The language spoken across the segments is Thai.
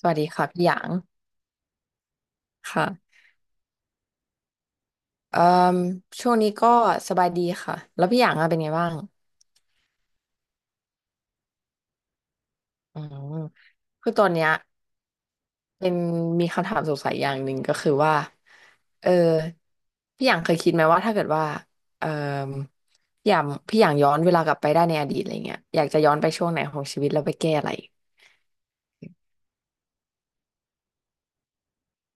สวัสดีค่ะพี่หยางค่ะเอ่อช่วงนี้ก็สบายดีค่ะแล้วพี่หยางอะเป็นไงบ้างอืมคือตอนเนี้ยเป็นมีคำถามสงสัยอย่างหนึ่งก็คือว่าเออพี่หยางเคยคิดไหมว่าถ้าเกิดว่าเอ่อพี่หยางย้อนเวลากลับไปได้ในอดีตอะไรเงี้ยอยากจะย้อนไปช่วงไหนของชีวิตแล้วไปแก้อะไร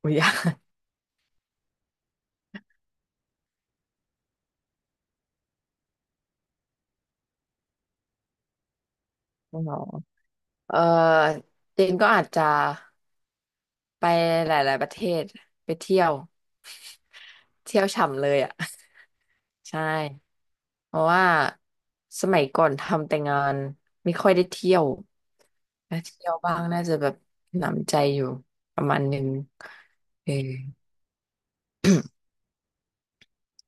อุ้ยอยากอ๋อ เออเจนก็อาจจะไปหลายๆประเทศไปเที่ยวเที่ยวฉ่ำเลยอ่ะ ใช่เพราะว่าสมัยก่อนทำแต่งานไม่ค่อยได้เที่ยวถ้าเที่ยวบ้างน่าจะแบบหนำใจอยู่ประมาณหนึ่งเออ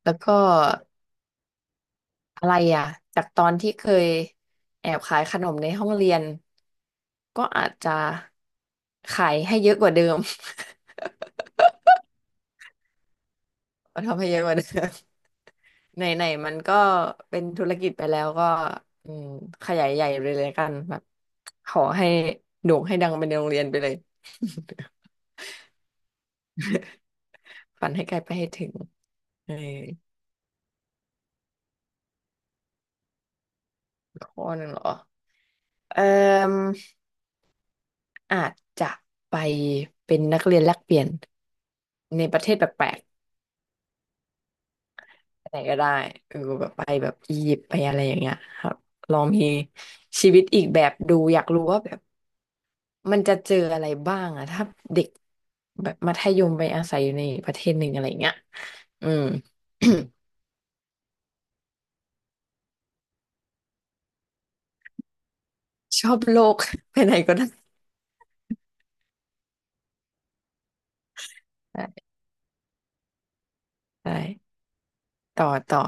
แล้วก็อะไรอ่ะจากตอนที่เคยแอบขายขนมในห้องเรียนก็อาจจะขายให้เยอะกว่าเดิม ทำให้เยอะกว่าเดิม ไหนไหนมันก็เป็นธุรกิจไปแล้วก็อืมขยายใหญ่ไปเลยละกันแบบขอให้โด่งให้ดังไปในโรงเรียนไปเลย ฝันให้ไกลไปให้ถึงเออข้อหนึ่งเหรอเอ่ออาจจะไปเป็นนักเรียนแลกเปลี่ยนในประเทศแปลกๆไหนก็ได้เออแบบไปแบบอียิปต์ไปอะไรอย่างเงี้ยครับลองมีชีวิตอีกแบบดูอยากรู้ว่าแบบมันจะเจออะไรบ้างอะถ้าเด็ก แบบมัธยมไปอาศัยอยู่ในประเทศหนึ่งอะไรเงี้ยอืม ชอบโลก ไปไหนก็ได้ใช่ใช่ต่อต่อ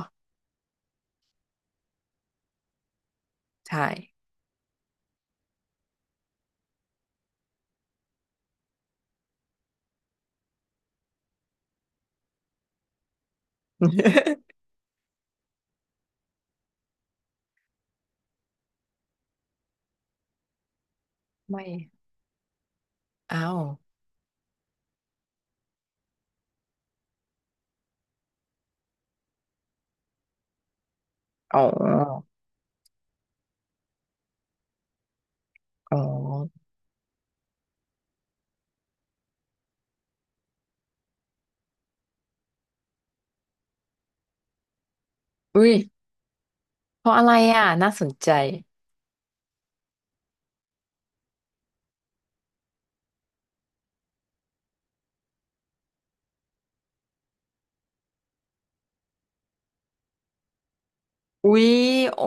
ใช่ ไม่อ้าวอ๋ออ๋ออุ้ยเพราะอะไรอ่ะน่าสนใจอุ้ยอ๋อ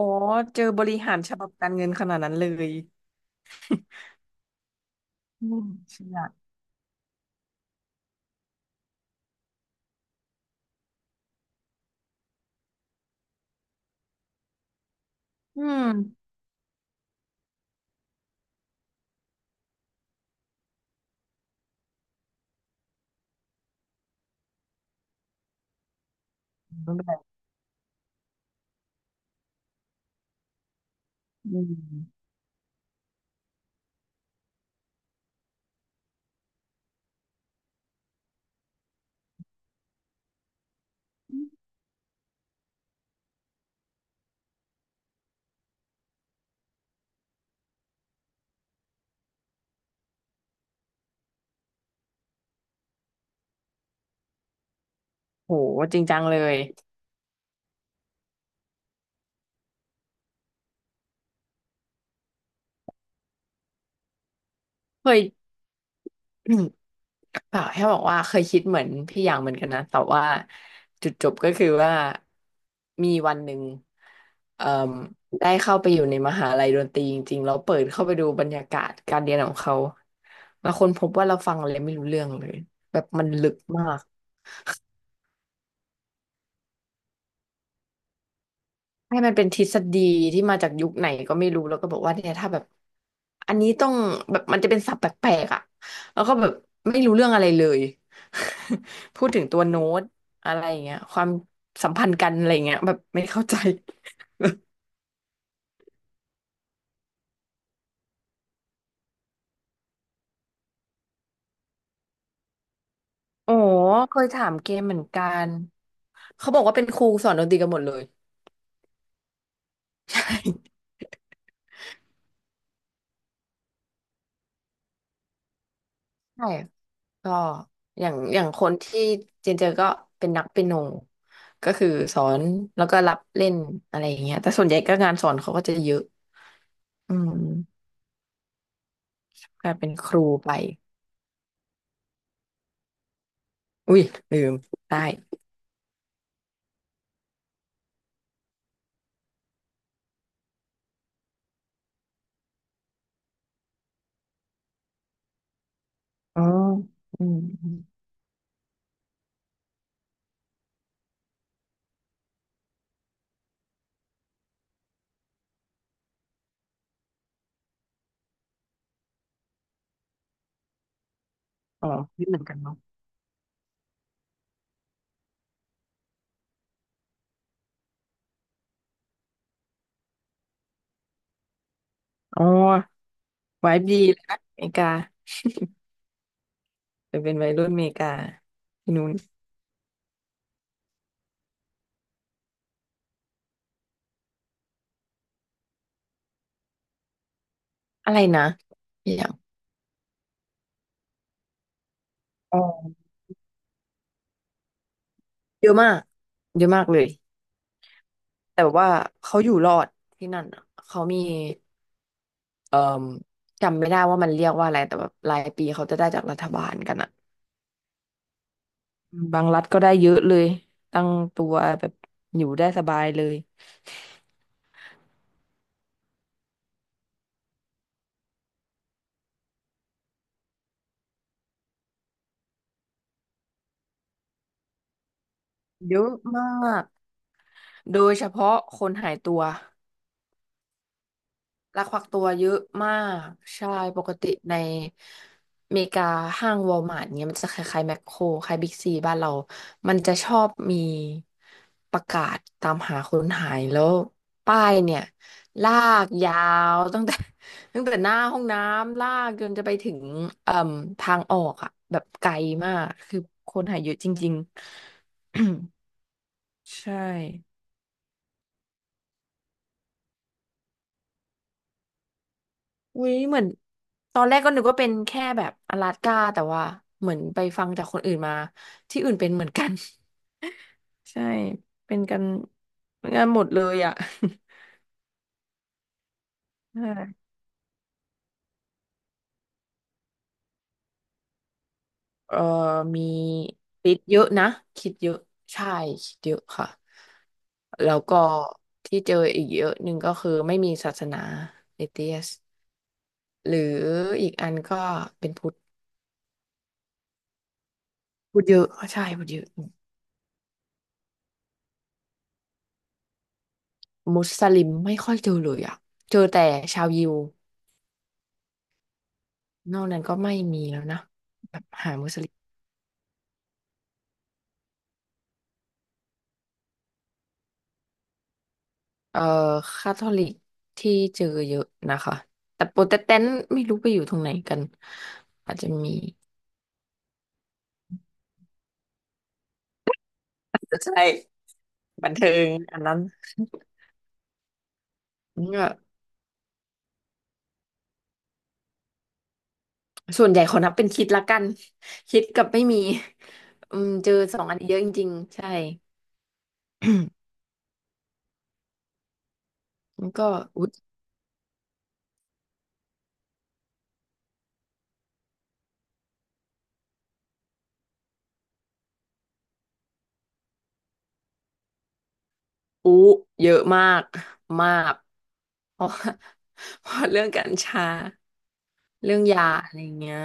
เจอบริหารฉบับการเงินขนาดนั้นเลยอืมเชื่ออืมอืมโหจริงจังเลยเคย เปล่าแค่บอกว่าเคยคิดเหมือนพี่อย่างเหมือนกันนะ แต่ว่าจุดจบก็คือว่ามีวันหนึ่งเอ่อได้เข้าไปอยู่ในมหาลัยดนตรีจริงๆแล้วเปิดเข้าไปดูบรรยากาศการเรียนของเขาแล้วคนพบว่าเราฟังอะไรไม่รู้เรื่องเลยแบบมันลึกมาก ให้มันเป็นทฤษฎีที่มาจากยุคไหนก็ไม่รู้แล้วก็บอกว่าเนี่ยถ้าแบบอันนี้ต้องแบบมันจะเป็นศัพท์แปลกๆอ่ะแล้วก็แบบไม่รู้เรื่องอะไรเลย พูดถึงตัวโน้ตอะไรอย่างเงี้ยความสัมพันธ์กันอะไรอย่างเงี้ยแบบไม่เข้าใจ โอ้เคยถามเกมเหมือนกันเขาบอกว่าเป็นครูสอนดนตรีกันหมดเลย ใช่ใช่ ก็อย่างอย่างคนที่เจนเจอก็เป็นนักเปียโนก็คือสอนแล้วก็รับเล่นอะไรอย่างเงี้ยแต่ส่วนใหญ่ก็งานสอนเขาก็จะเยอะอืมกลายเป็นครูไปอุ้ยลืมได้อ๋ออืมอมอ๋อไม่เหมือนกันเนาะอ๋อไว้ดีเลยนะอเมริกาแต่เป็นวัยรุ่นอเมริกาที่นู้นอะไรนะอย่างอ๋อเยอะมากเยอะมากเลยแต่ว่าเขาอยู่รอดที่นั่นอะเขามี เอ่อจำไม่ได้ว่ามันเรียกว่าอะไรแต่แบบรายปีเขาจะได้จากรัฐบาลกันอะบางรัฐก็ได้เยอะเลยตั้งตัวแบบอยู่ได้สบายเลยเยอะมากโดยเฉพาะคนหายตัว ลักพาตัวเยอะมากใช่ปกติในอเมริกาห้างวอลมาร์ทเนี้ยมันจะคล้ายๆแมคโครคล้ายบิ๊กซีบ้านเรามันจะชอบมีประกาศตามหาคนหายแล้วป้ายเนี่ยลากยาวตั้งแต่ ตั้งแต่หน้าห้องน้ำลากจนจะไปถึงเอ่มทางออกอะแบบไกลมากคือคนหายเยอะจริงๆ ใช่ อุ้ยเหมือนตอนแรกก็นึกว่าเป็นแค่แบบอลาสก้าแต่ว่าเหมือนไปฟังจากคนอื่นมาที่อื่นเป็นเหมือนกัน ใช่เป็นกันเป็นกันหมดเลยอ่ะ ใช่เออมีคิดเยอะนะคิดเยอะใช่คิดเยอะค่ะแล้วก็ที่เจออีกเยอะหนึ่งก็คือไม่มีศาสนาเอเทียสหรืออีกอันก็เป็นพุทธพุทธเยอะใช่พุทธเยอะมุสลิมไม่ค่อยเจอเลยอ่ะเจอแต่ชาวยิว นอกนั้นก็ไม่มีแล้วนะแบบหามุสลิมเอ่อคาทอลิกที่เจอเยอะนะคะแต่โปรเตสแตนต์ไม่รู้ไปอยู่ตรงไหนกันอาจจะมีใช่บันเทิงอันนั้นก็ส่วนใหญ่ขอนับเป็นคิดละกันคิดกับไม่มีอืมเจอสองอันนี้เยอะจริงๆใช่ มันก็อุ๊ยอู้เยอะมากมากเพราะ ว่าเพราะเรื่องกัญชา เรื่องยาอะไรเงี้ย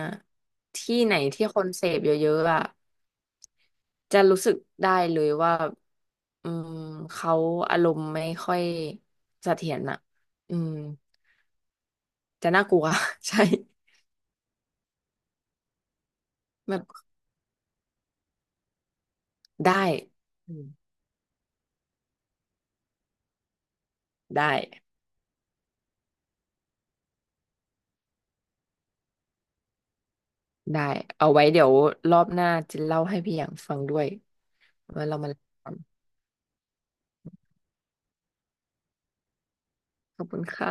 ที่ไหนที่คนเสพเยอะๆอ่ะจะรู้สึกได้เลยว่าอืมเขาอารมณ์ไม่ค่อยเสถียรอ่ะอืมจะน่ากลัว ใช่แบบได้อืมได้ได้เอาไว้เดี๋ยวรอบหน้าจะเล่าให้พี่อย่างฟังด้วยว่าเรามาเล่ากันขอบคุณค่ะ